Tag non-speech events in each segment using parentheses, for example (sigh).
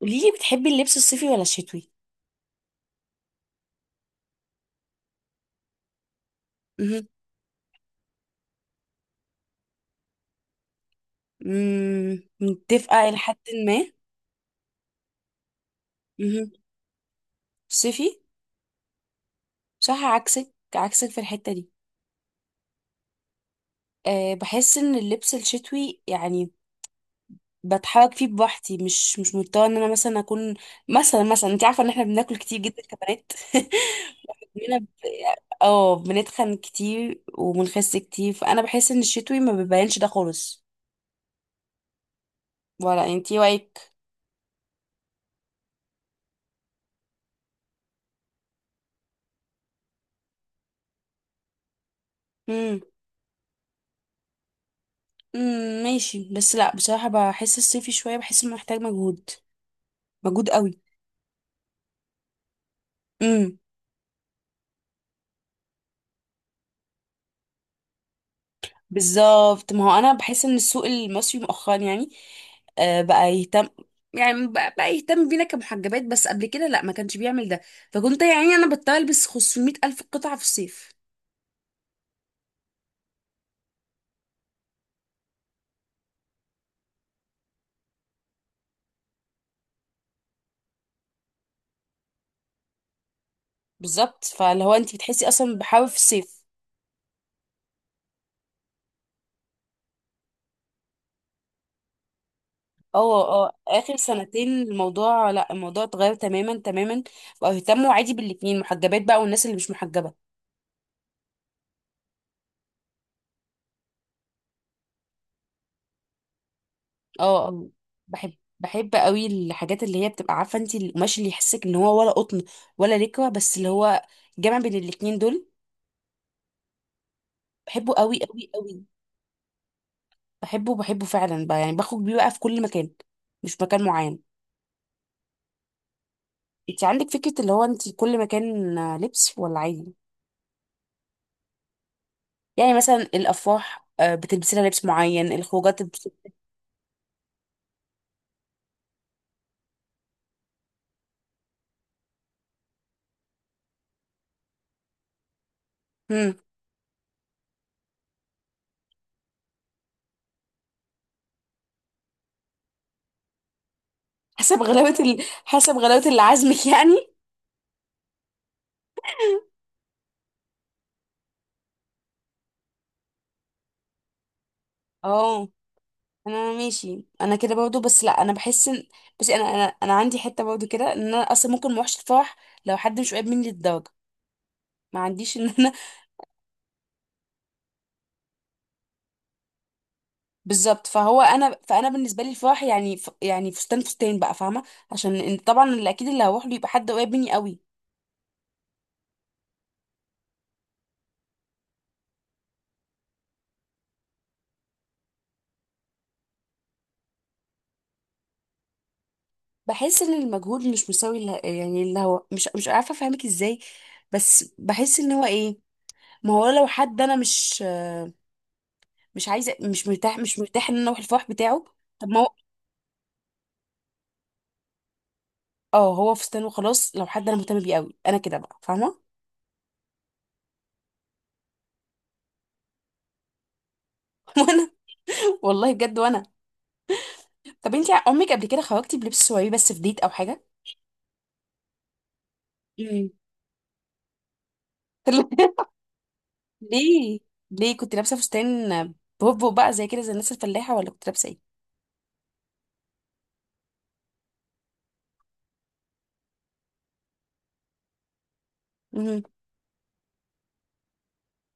قوليلي بتحبي اللبس الصيفي ولا الشتوي. مهم. مم، متفقة إلى حد ما. مهم. صيفي. صح، عكسك في الحتة دي. بحس ان اللبس الشتوي يعني بتحرك فيه بوحدي، مش مضطره ان انا مثلا اكون، مثلا انت عارفه ان احنا بناكل كتير جدا كبنات. (laughs) مننا ب... اه، بنتخن كتير وبنخس كتير، فانا بحس ان الشتوي ما بيبانش ده خالص. ولا انتي رايك؟ ماشي، بس لا، بصراحة بحس الصيفي شوية، بحس انه محتاج مجهود، مجهود قوي. امم بالظبط، ما هو انا بحس ان السوق المصري مؤخرا يعني بقى يهتم، يعني بقى يهتم بينا كمحجبات، بس قبل كده لا، ما كانش بيعمل ده. فكنت يعني انا بضطر البس 500 الف قطعة في الصيف. بالظبط، فاللي هو انت بتحسي اصلا بحاول في الصيف. اه اه، اخر سنتين الموضوع، لا الموضوع اتغير تماما تماما، بقى يهتموا عادي بالاتنين، محجبات بقى والناس اللي مش محجبة. اه اه. بحب، بحب قوي الحاجات اللي هي بتبقى، عارفه انت، القماش اللي يحسك ان هو ولا قطن ولا لكوه، بس اللي هو جمع بين الاتنين دول. بحبه قوي قوي قوي. بحبه فعلا، بقى يعني بخرج بيه بقى في كل مكان، مش مكان معين. انت عندك فكره اللي هو انت كل مكان آه، لبس ولا عادي؟ يعني مثلا الافراح آه، بتلبسي لها لبس معين؟ الخروجات مم. حسب غلاوه اللي عازمك يعني. اه، انا ماشي انا كده برضو، بس لا، انا بحس ان، بس انا عندي حته برضو كده، ان انا اصلا ممكن ما اروحش الفرح لو حد مش قريب مني للدرجه. ما عنديش ان انا. (laughs) بالظبط، فهو انا بالنسبه لي الفرح يعني يعني فستان بقى، فاهمه؟ عشان طبعا اللي اكيد اللي هروح له يبقى حد قريب مني قوي. بحس ان المجهود مش مساوي يعني اللي هو، مش عارفه افهمك ازاي، بس بحس ان هو ايه؟ ما هو لو حد انا مش، مش عايزه مش مرتاح مش مرتاح ان انا اروح الفرح بتاعه. طب ما هو، اه هو فستان وخلاص. لو حد انا مهتمه بيه قوي، انا كده بقى، فاهمه؟ (laughs) وانا، والله بجد، وانا، طب انت عمرك قبل كده خرجتي بلبس سواري بس في ديت او حاجه؟ مم. (laughs) ليه؟ ليه كنت لابسه فستان بوبو بقى زي كده زي الناس الفلاحه، ولا كنت لابسه ايه؟ مم.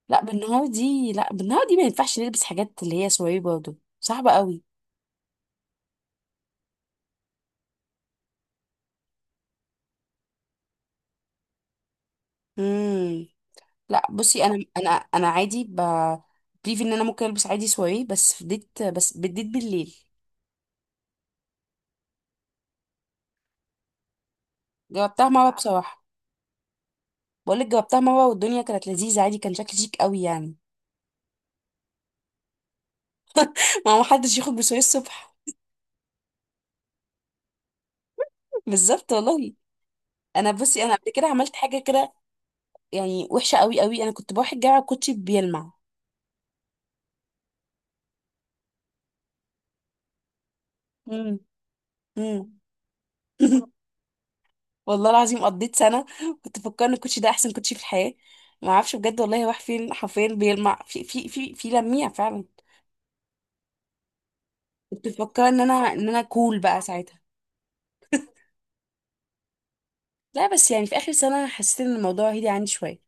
لا بالنهار دي، لا بالنهار دي ما ينفعش نلبس حاجات اللي هي سواري، برضه صعبه قوي. مم. لا بصي، انا عادي بليف ان انا ممكن البس عادي سواري بس في ديت، بس بالديت بالليل. جربتها مره بصراحه. بقولك جاوبتها مرة والدنيا كانت لذيذة عادي، كان شكلي شيك قوي يعني. (laughs) ما هو محدش يخرج بسوري الصبح. (laughs) بالظبط والله. انا بصي، انا قبل كده عملت حاجة كده يعني وحشة قوي قوي. انا كنت بروح الجامعة الكوتشي بيلمع. مم. امم. (laughs) والله العظيم قضيت سنة كنت بفكر ان الكوتشي ده احسن كوتشي في الحياة. ما اعرفش بجد والله راح فين، حرفيا بيلمع في لميع فعلا. كنت بفكر ان انا، ان انا كول بقى ساعتها. لا بس يعني في اخر سنة حسيت ان الموضوع هدي عندي شوية.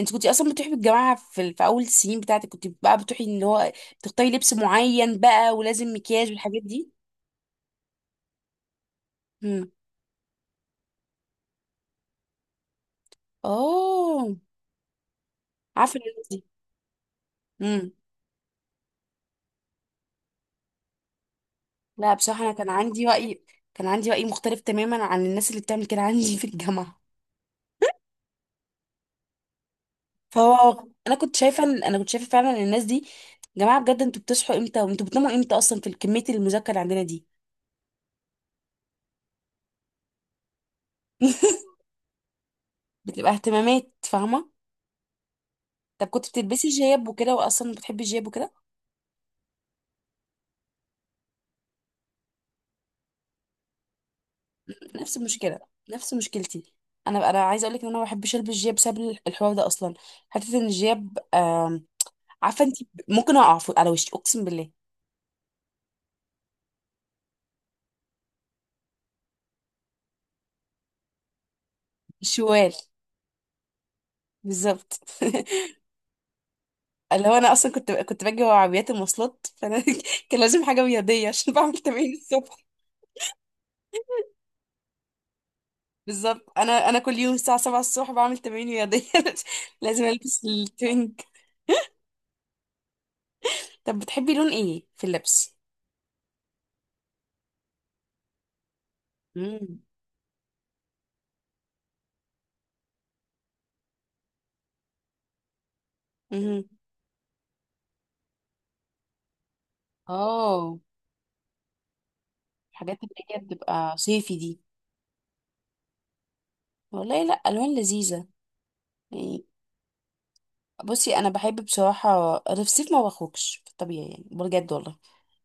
انت كنت اصلا بتروحي بالجماعه في اول السنين بتاعتك، كنت بقى بتروحي اللي هو تختاري لبس معين بقى، ولازم مكياج والحاجات دي؟ امم. اوه، عارفه الناس دي. امم. لا بصراحه، انا كان عندي راي، كان عندي راي مختلف تماما عن الناس اللي بتعمل كده عندي في الجامعه. فهو انا كنت شايفه فعلا ان الناس دي، جماعه بجد، انتوا بتصحوا امتى وانتوا بتناموا امتى اصلا، في كميه المذاكره اللي عندنا دي؟ (laughs) بتبقى اهتمامات، فاهمه؟ طب كنت بتلبسي جياب وكده، واصلا بتحبي الجياب وكده؟ نفس المشكله، نفس مشكلتي. انا، انا عايزه اقول لك ان انا ما بحبش البس جياب بسبب الحوار ده اصلا. حته ان الجياب عارفه انت، على وشي اقسم بالله. شوال، بالظبط. (laughs) اللي هو انا اصلا كنت باجي ورا عربيات المواصلات، فانا (laughs) كان لازم حاجه رياضيه عشان بعمل تمارين الصبح. بالظبط، انا انا كل يوم الساعه 7 الصبح بعمل تمارين رياضيه. (laughs) لازم البس الترنج. طب بتحبي لون ايه في اللبس؟ امم. امم. اه. الحاجات اللي هي بتبقى صيفي دي. والله لا، الوان لذيذه يعني. بصي انا بحب بصراحه، انا في الصيف ما بخرجش في الطبيعي يعني، بجد والله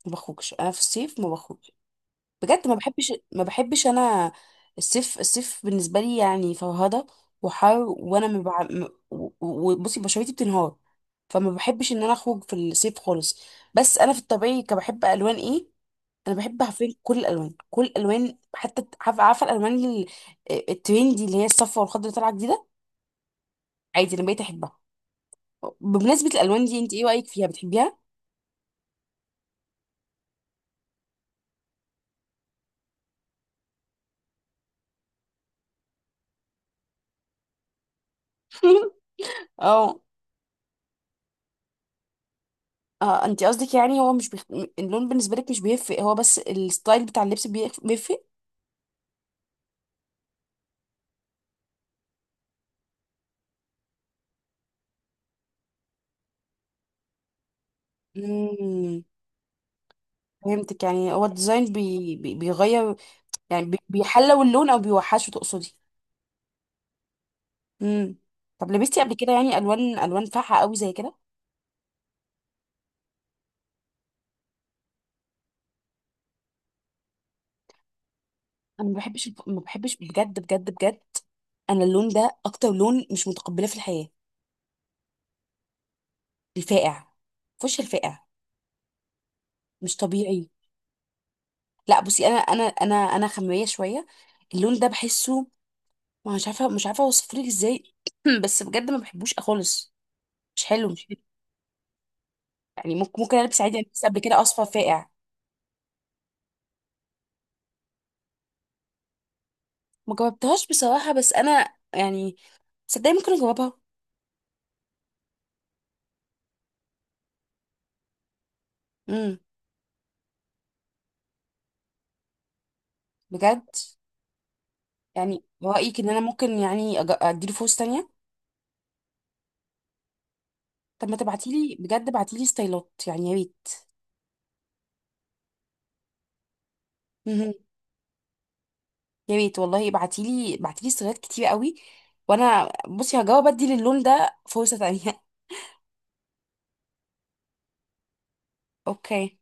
ما بخرجش انا في الصيف، ما بخرجش بجد. ما بحبش، ما بحبش انا الصيف. الصيف بالنسبه لي يعني فرهده وحر، وانا ما بع... م- و- وبصي بشرتي بتنهار، فما بحبش ان انا اخرج في الصيف خالص. بس انا في الطبيعي كبحب الوان ايه؟ انا بحب، عارفين، كل الالوان، كل الالوان. حتى عارفه، عارفة الالوان الترندي اللي هي الصفرا والخضرا اللي طالعه جديده؟ عادي انا بقيت احبها. بمناسبة الألوان دي، انت ايه رأيك فيها، بتحبيها؟ (laughs) اه اه، انت قصدك يعني هو مش اللون بالنسبة لك مش بيفرق، هو بس الستايل بتاع اللبس بيفرق؟ امم. فهمتك، يعني هو الديزاين بيغير يعني، بيحلو اللون او بيوحشه تقصدي؟ امم. طب لبستي قبل كده يعني الوان، الوان فاتحة قوي زي كده؟ انا ما بحبش ما بحبش بجد بجد بجد. انا اللون ده اكتر لون مش متقبلاه في الحياة، الفاقع، فش الفاقع، مش طبيعي. لا بصي، انا خماميه شويه اللون ده، بحسه، ما مش عارفه، مش عارفه اوصفه لك ازاي. (clears throat) بس بجد ما بحبوش خالص، مش حلو مش حلو. يعني ممكن، ممكن البس عادي، انا لسه قبل كده اصفر فاقع ما جربتهاش بصراحه، بس انا يعني صدقني ممكن اجربها. امم. بجد؟ يعني رايك ان انا ممكن يعني اديله فرصه تانية؟ طب ما تبعتيلي، بجد ابعتيلي ستايلات يعني يا ريت. مهم. يا ريت والله، ابعتيلي، ابعتيلي ستايلات كتير قوي، وانا بصي هجاوب ادي للون ده فرصه تانية. (laughs) اوكي.